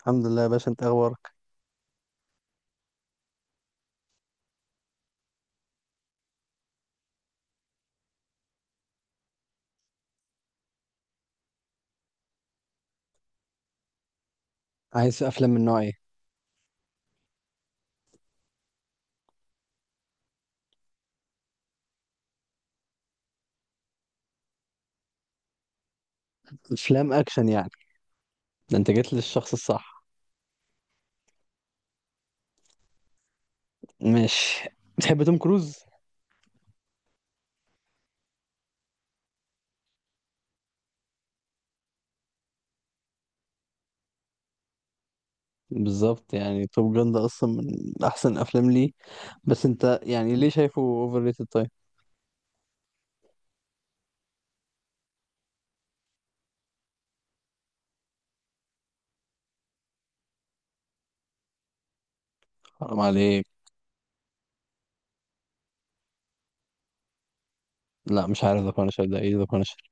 الحمد لله يا باشا، انت اخبارك؟ عايز افلام من نوع ايه؟ افلام اكشن يعني. ده انت جيت للشخص الصح. ماشي. بتحب توم كروز؟ بالظبط، يعني توم جان ده اصلا من احسن افلام ليه. بس انت يعني ليه شايفه اوفر ريتد طيب؟ حرام عليك. لا مش عارف ذا بانشر ده ايه، ذا بانشر.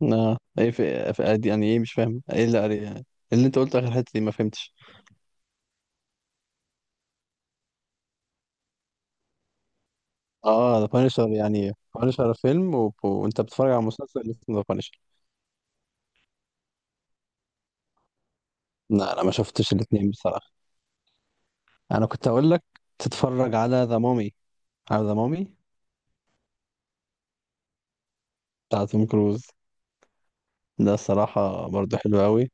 لا ايه في ادي يعني، ايه مش فاهم ايه اللي قري يعني. اللي انت قلته اخر حته دي ما فهمتش. اه ذا بانشر يعني بانشر فيلم وانت بتتفرج على مسلسل اسمه ذا بانشر. لا انا ما شفتش الاثنين بصراحه. انا كنت اقول لك تتفرج على ذا مامي. على ذا مامي بتاع توم كروز. ده الصراحه برضه حلو قوي.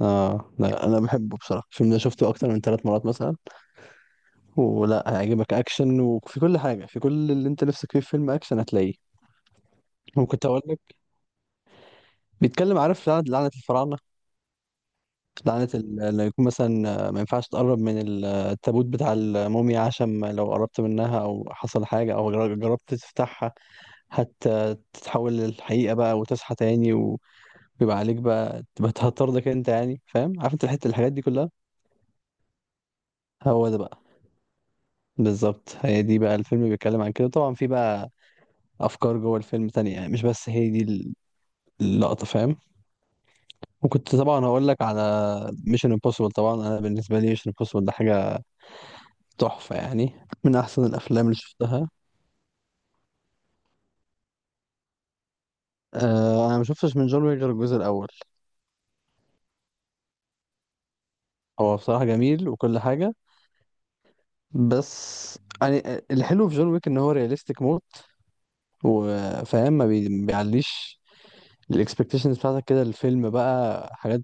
اه لا انا بحبه بصراحه، الفيلم ده شفته اكتر من ثلاث مرات مثلا. ولا هيعجبك اكشن، وفي كل حاجه، في كل اللي انت نفسك فيه في فيلم اكشن هتلاقيه. وكنت اقول لك بيتكلم، عارف لعنه الفراعنه. لعنه اللي يكون مثلا، ما ينفعش تقرب من التابوت بتاع الموميا، عشان لو قربت منها او حصل حاجه او جربت تفتحها. هت- تتحول للحقيقه بقى وتصحى تاني. بيبقى عليك بقى تبقى تهطردك انت، يعني فاهم، عارف انت الحته الحاجات دي كلها. هو ده بقى. بالظبط هي دي بقى، الفيلم بيتكلم عن كده. طبعا في بقى افكار جوه الفيلم تانية، يعني مش بس هي دي اللقطه، فاهم. وكنت طبعا هقول لك على ميشن امبوسيبل. طبعا انا بالنسبه لي ميشن امبوسيبل ده حاجه تحفه يعني، من احسن الافلام اللي شفتها. آه انا ما شفتش من جون ويك غير الجزء الاول. هو بصراحه جميل وكل حاجه. بس يعني، الحلو في جون ويك ان هو رياليستيك موت. وفاهم ما بيعليش الاكسبكتيشنز بتاعتك كده، الفيلم بقى حاجات،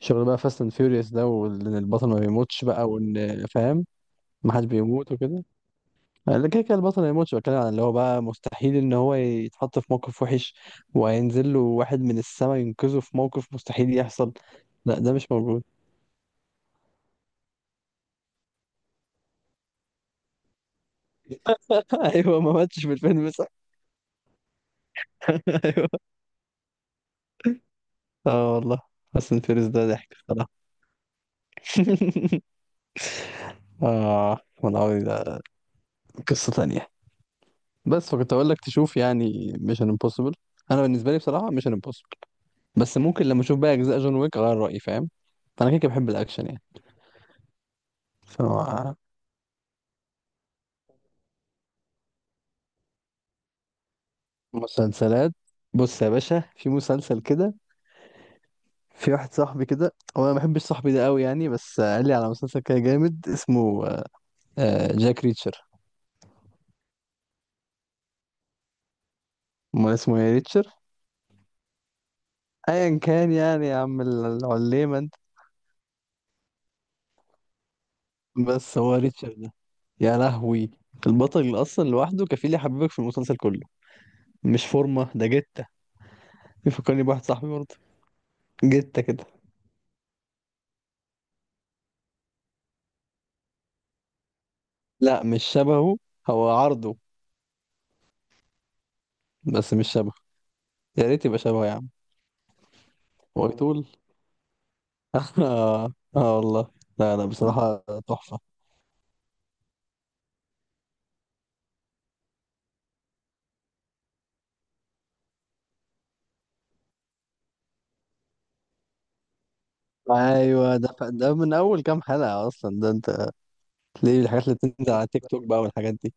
شغل بقى فاست اند فيوريوس ده، وان البطل ما بيموتش بقى، وان فاهم، ما حدش بيموت وكده. لا كده كده البطل ما يموتش، بتكلم عن اللي هو بقى مستحيل ان هو يتحط في موقف وحش وهينزل له واحد من السما ينقذه في موقف مستحيل يحصل. لا ده مش موجود. ايوه ما ماتش في الفيلم صح. ايوه. اه والله. فاست اند فيوريوس ده ضحك الصراحه. اه والله ده قصه تانية. بس فكنت اقول لك تشوف يعني ميشن امبوسيبل. انا بالنسبه لي بصراحه ميشن امبوسيبل. بس ممكن لما اشوف بقى اجزاء جون ويك اغير رايي، فاهم. فانا كده كده بحب الاكشن يعني. فمسلسلات. بص يا باشا، في مسلسل كده. في واحد صاحبي كده، هو انا ما بحبش صاحبي ده قوي يعني، بس قال لي على مسلسل كده جامد اسمه جاك ريتشر. امال اسمه ايه، ريتشر؟ ايا كان يعني، يا عم العليمه انت. بس هو ريتشر ده، يا لهوي. البطل اصلا لوحده كفيل يحببك في المسلسل كله. مش فورمة ده جتة. يفكرني بواحد صاحبي برضه، جتة كده. لا مش شبهه، هو عرضه بس مش شبهه. يا ريت يبقى شبهه يا عم. ويتول. اه آه والله. لا لا بصراحة تحفة. ايوه ده من اول كام حلقة اصلا ده انت. ليه الحاجات اللي بتنزل على تيك توك بقى والحاجات دي.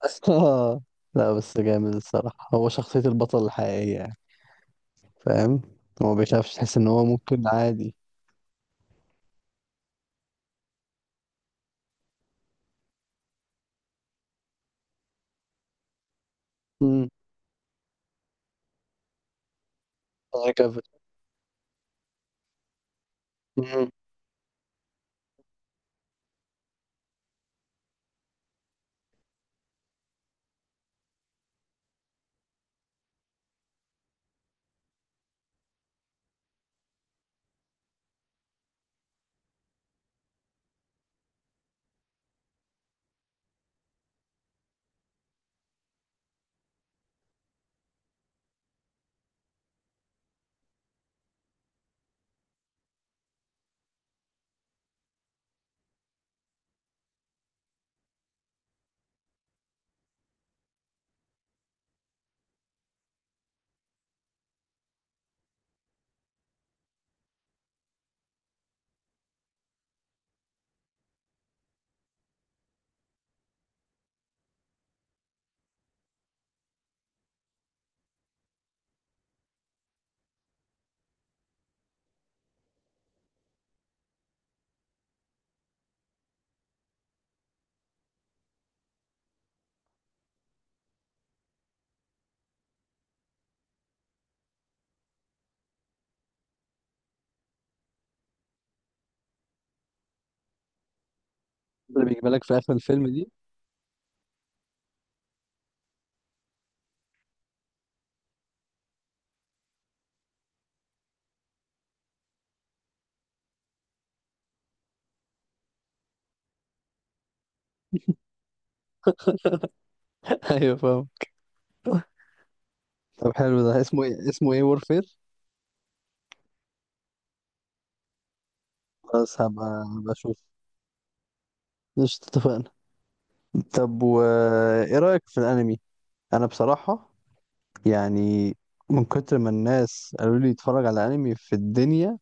آه. لا بس جامد الصراحة، هو شخصية البطل الحقيقية يعني. فاهم. هو ما بيخافش، تحس ان هو ممكن عادي. امم. الله يكفي. مم. اللي بيجيبها لك في اخر الفيلم دي؟ ايوه فاهم. طب حلو، ده اسمه ايه، اسمه ايه وورفير؟ خلاص هبقى، هبقى اشوف، مش اتفقنا. طب و، ايه رأيك في الانمي؟ انا بصراحة يعني، من كتر ما الناس قالوا لي اتفرج على انمي في الدنيا،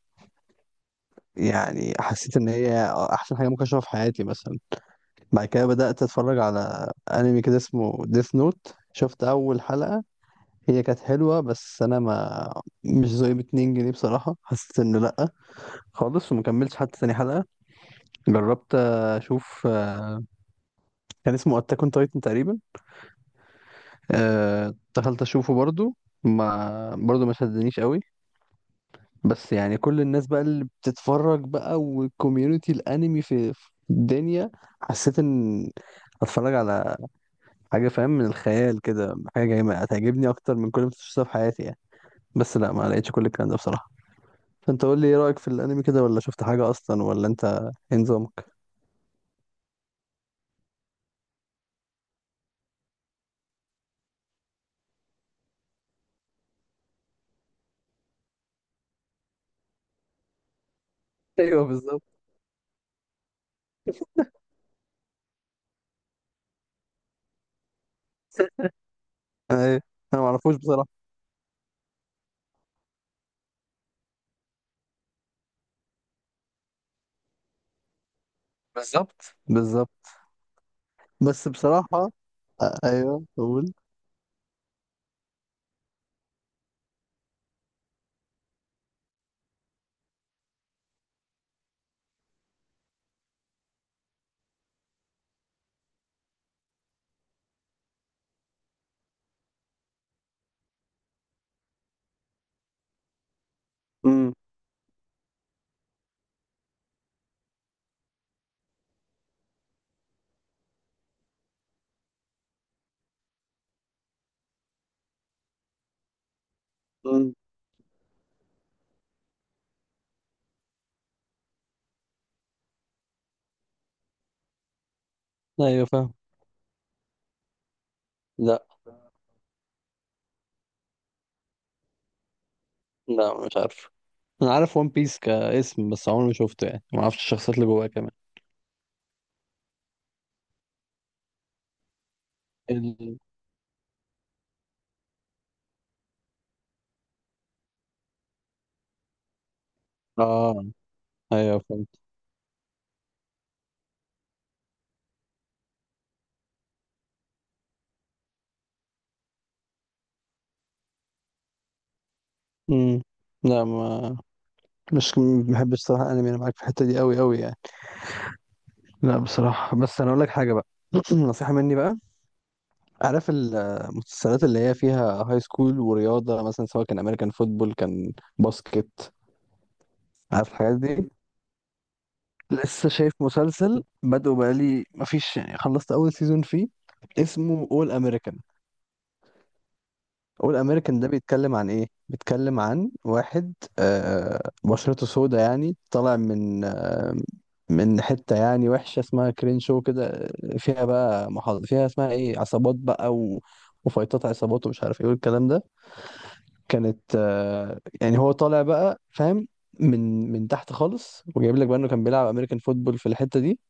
يعني حسيت ان هي احسن حاجة ممكن اشوفها في حياتي مثلا. بعد كده بدأت اتفرج على انمي كده اسمه ديث نوت، شفت اول حلقة، هي كانت حلوة بس انا ما، مش زي ب 2 جنيه بصراحة، حسيت انه لأ خالص ومكملتش حتى تاني حلقة. جربت اشوف، كان اسمه اتاك اون تايتن تقريبا، أه دخلت اشوفه برضو، ما برضو ما شدنيش قوي. بس يعني كل الناس بقى اللي بتتفرج بقى، والكوميونتي الانمي في الدنيا، حسيت ان اتفرج على حاجه فاهم، من الخيال كده، حاجه جايه هتعجبني اكتر من كل ما شفتها في حياتي يعني. بس لا ما لقيتش كل الكلام ده بصراحه. فانت قول لي، ايه رايك في الانمي كده، ولا شفت حاجه اصلا، ولا انت إيه نظامك؟ ايوه بالظبط. ايوه انا ما اعرفوش بصراحه. بالظبط بالظبط. بس بصراحة، أيوه قول. امم. امم. ايوه فاهم. لا لا مش عارف. انا عارف ون بيس كاسم، بس عمري ما شفته، يعني ما اعرفش الشخصيات اللي جواه كمان. ال... اه ايوه فهمت. امم. لا، ما مش ما بحبش صراحة انمي، انا معاك في الحتة دي قوي قوي يعني. لا بصراحة، بس أنا أقول لك حاجة بقى. نصيحة مني بقى. عارف المسلسلات اللي هي فيها هاي سكول ورياضة، مثلا سواء كان أمريكان فوتبول، كان باسكت. عارف الحاجات دي. لسه شايف مسلسل بدأه بقالي مفيش، يعني خلصت أول سيزون فيه، اسمه أول أمريكان. أول أمريكان ده بيتكلم عن إيه؟ بيتكلم عن واحد، بشرته سودا، يعني طالع من، من حتة يعني وحشة اسمها كرينشو كده، فيها بقى محاضرة فيها اسمها إيه، عصابات بقى وفايتات عصابات ومش عارف إيه والكلام ده. كانت، يعني هو طالع بقى فاهم، من تحت خالص، وجايب لك بقى إنه كان بيلعب أمريكان فوتبول في الحتة دي.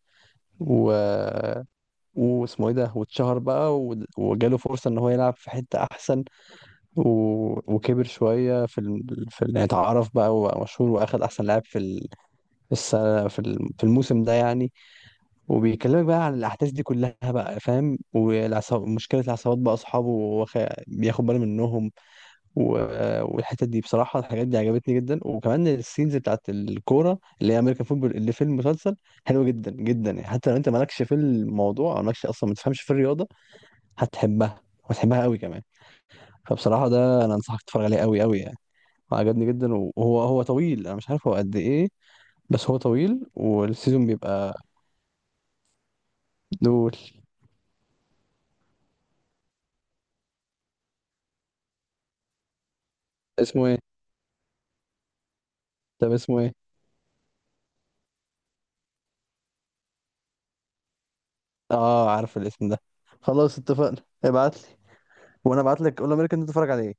و، واسمه ايه ده، واتشهر بقى وجاله فرصة ان هو يلعب في حتة احسن. و... وكبر شوية اتعرف بقى وبقى مشهور، واخد احسن لاعب في السنة في الموسم ده يعني. وبيكلمك بقى عن الاحداث دي كلها بقى فاهم، والعصاب، مشكلة العصابات بقى اصحابه بياخد باله منهم. و... والحتة دي بصراحة الحاجات دي عجبتني جدا، وكمان السينز بتاعت الكورة اللي هي امريكان فوتبول اللي في المسلسل حلوة جدا جدا يعني، حتى لو انت مالكش في الموضوع او مالكش اصلا ما تفهمش في الرياضة هتحبها، وهتحبها قوي كمان. فبصراحة ده أنا أنصحك تتفرج عليه قوي قوي يعني، وعجبني جدا. وهو طويل، أنا مش عارف هو قد إيه، بس هو طويل والسيزون بيبقى دول. اسمه إيه؟ طب اسمه إيه؟ آه عارف الاسم ده. خلاص اتفقنا، ابعت لي. وأنا ابعت لك أول أمريكا أنت تتفرج عليه،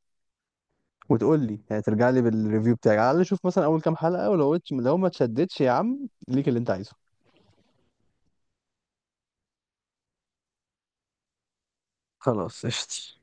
وتقول لي يعني، ترجع لي بالريفيو بتاعك، على الأقل شوف مثلا أول كام حلقة، ولو لو ما تشدتش يا عم ليك اللي أنت عايزه. خلاص قشطة.